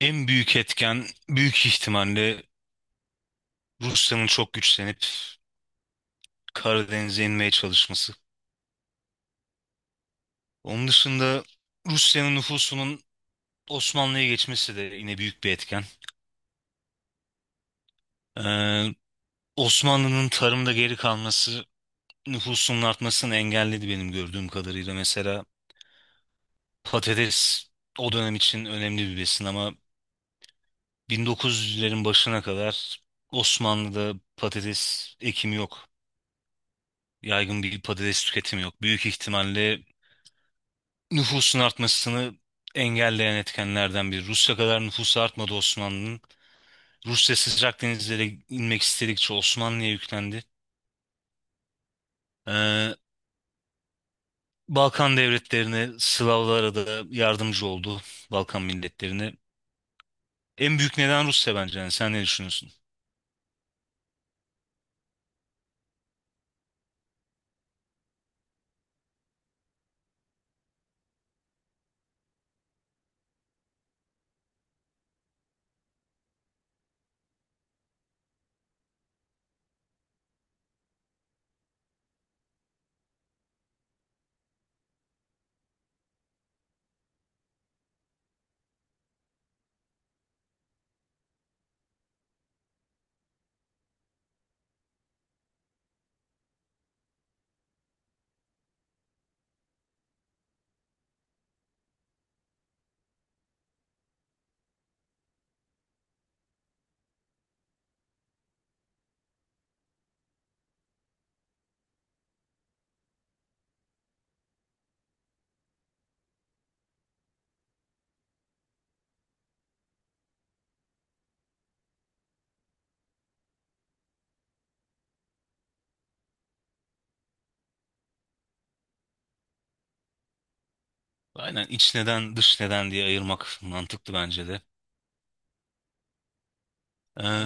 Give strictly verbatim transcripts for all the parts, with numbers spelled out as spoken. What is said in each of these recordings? En büyük etken büyük ihtimalle Rusya'nın çok güçlenip Karadeniz'e inmeye çalışması. Onun dışında Rusya'nın nüfusunun Osmanlı'ya geçmesi de yine büyük bir etken. Ee, Osmanlı'nın tarımda geri kalması nüfusunun artmasını engelledi benim gördüğüm kadarıyla. Mesela patates o dönem için önemli bir besin ama bin dokuz yüzlerin başına kadar Osmanlı'da patates ekimi yok. Yaygın bir patates tüketimi yok. Büyük ihtimalle nüfusun artmasını engelleyen etkenlerden biri. Rusya kadar nüfusu artmadı Osmanlı'nın. Rusya sıcak denizlere inmek istedikçe Osmanlı'ya yüklendi. Ee, Balkan devletlerine, Slavlara da yardımcı oldu. Balkan milletlerine. En büyük neden Rusya bence. Yani sen ne düşünüyorsun? Aynen, iç neden, dış neden diye ayırmak mantıklı bence de. Ee,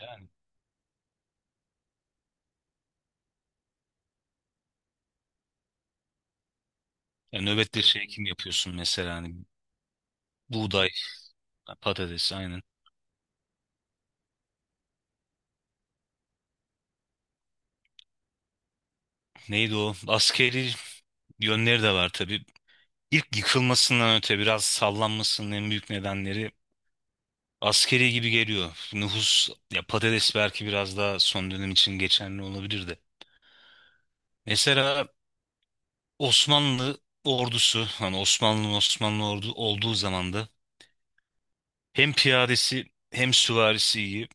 yani, yani nöbette şey kim yapıyorsun mesela hani buğday, patates aynen. Neydi o? Askeri yönleri de var tabii. İlk yıkılmasından öte biraz sallanmasının en büyük nedenleri askeri gibi geliyor. Nüfus, ya patates belki biraz daha son dönem için geçerli olabilir de. Mesela Osmanlı ordusu, hani Osmanlı Osmanlı ordu olduğu zaman da hem piyadesi hem süvarisi iyi.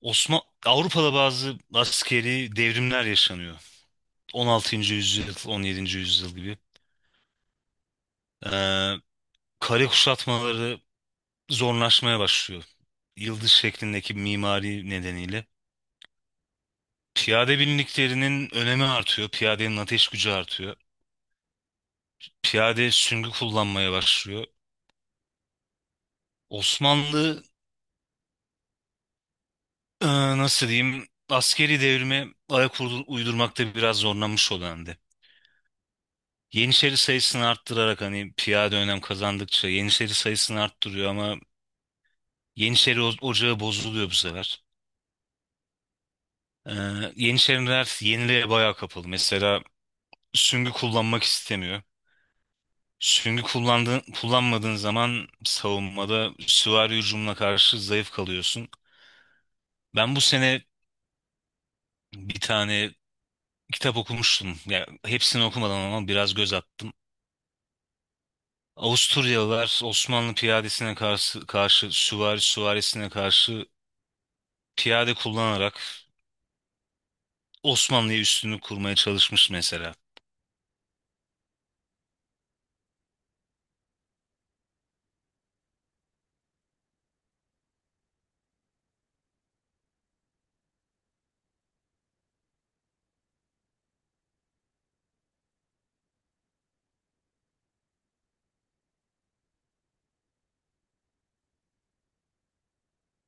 Osman Avrupa'da bazı askeri devrimler yaşanıyor. on altıncı yüzyıl, on yedinci yüzyıl gibi. Ee, kale kuşatmaları zorlaşmaya başlıyor. Yıldız şeklindeki mimari nedeniyle. Piyade binliklerinin önemi artıyor. Piyadenin ateş gücü artıyor. Piyade süngü kullanmaya başlıyor. Osmanlı e, nasıl diyeyim askeri devrime ayak uydur- uydurmakta biraz zorlanmış o dönemde. Yeniçeri sayısını arttırarak hani piyade önem kazandıkça Yeniçeri sayısını arttırıyor ama Yeniçeri o- ocağı bozuluyor bu sefer. E, Yeniçeriler yeniliğe bayağı kapalı. Mesela süngü kullanmak istemiyor. Süngü kullandığın, kullanmadığın zaman savunmada süvari hücumuna karşı zayıf kalıyorsun. Ben bu sene bir tane kitap okumuştum. Ya hepsini okumadan ama biraz göz attım. Avusturyalılar Osmanlı piyadesine karşı, karşı süvari süvarisine karşı piyade kullanarak Osmanlı'ya üstünlük kurmaya çalışmış mesela.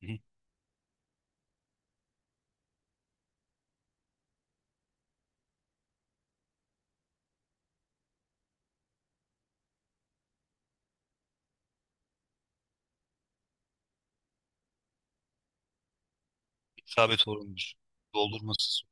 Hı. İsabet olmuş. Doldurması.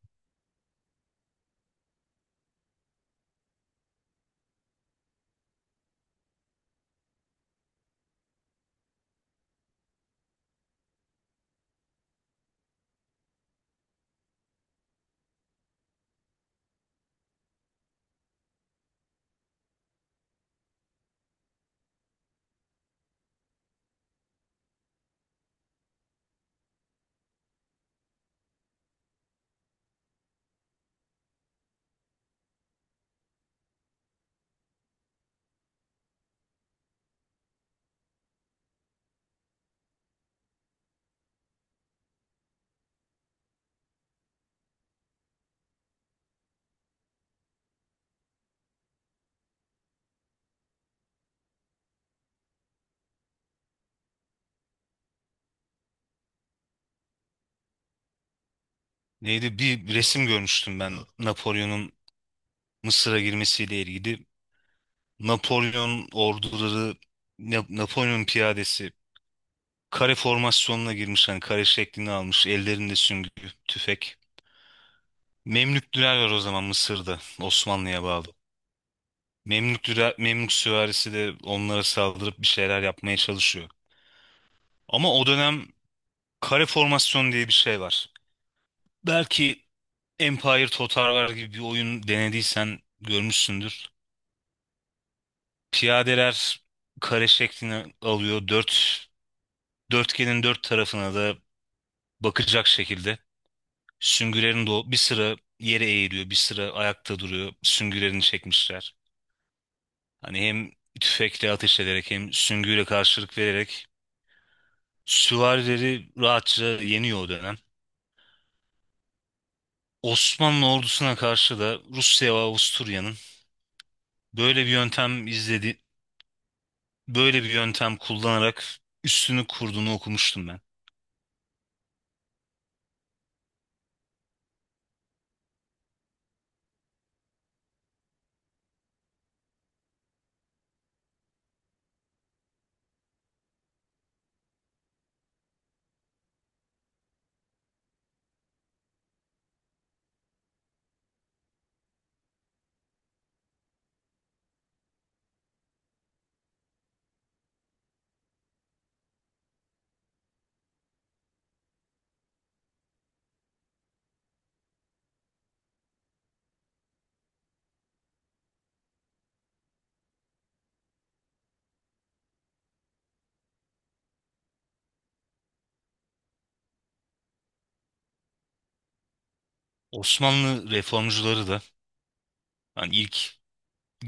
Neydi? Bir resim görmüştüm ben Napolyon'un Mısır'a girmesiyle ilgili. Napolyon orduları, Na- Napolyon piyadesi kare formasyonuna girmiş, hani kare şeklini almış. Ellerinde süngü, tüfek. Memlüktüler var o zaman Mısır'da, Osmanlı'ya bağlı. Memlüktüler, Memlük süvarisi de onlara saldırıp bir şeyler yapmaya çalışıyor. Ama o dönem kare formasyon diye bir şey var. Belki Empire Total War gibi bir oyun denediysen görmüşsündür. Piyadeler kare şeklini alıyor. Dört, dörtgenin dört tarafına da bakacak şekilde. Süngülerin de o- bir sıra yere eğiliyor, bir sıra ayakta duruyor. Süngülerini çekmişler. Hani hem tüfekle ateş ederek hem süngüyle karşılık vererek süvarileri rahatça yeniyor o dönem. Osmanlı ordusuna karşı da Rusya ve Avusturya'nın böyle bir yöntem izledi, böyle bir yöntem kullanarak üstünü kurduğunu okumuştum ben. Osmanlı reformcuları da hani ilk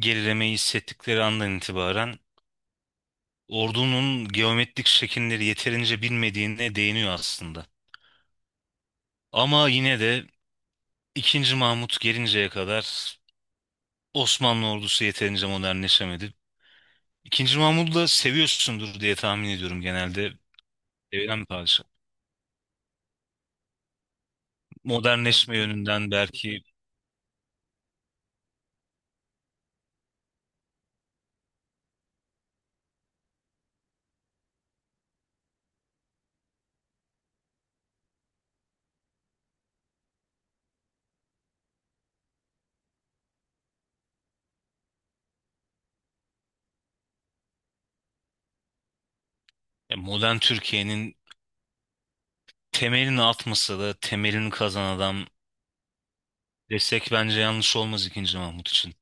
gerilemeyi hissettikleri andan itibaren ordunun geometrik şekilleri yeterince bilmediğine değiniyor aslında. Ama yine de ikinci. Mahmut gelinceye kadar Osmanlı ordusu yeterince modernleşemedi. ikinci. Mahmud'u da seviyorsundur diye tahmin ediyorum genelde. Sevilen bir padişah. Modernleşme yönünden belki ya modern Türkiye'nin temelini atmasa da temelini kazan adam desek bence yanlış olmaz ikinci. Mahmut için.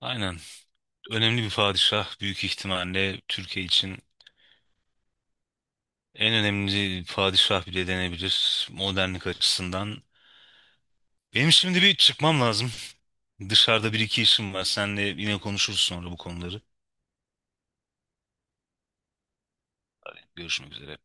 Aynen. Önemli bir padişah, büyük ihtimalle Türkiye için en önemli padişah bile denebilir modernlik açısından. Benim şimdi bir çıkmam lazım. Dışarıda bir iki işim var. Senle yine konuşuruz sonra bu konuları. Görüşmek üzere.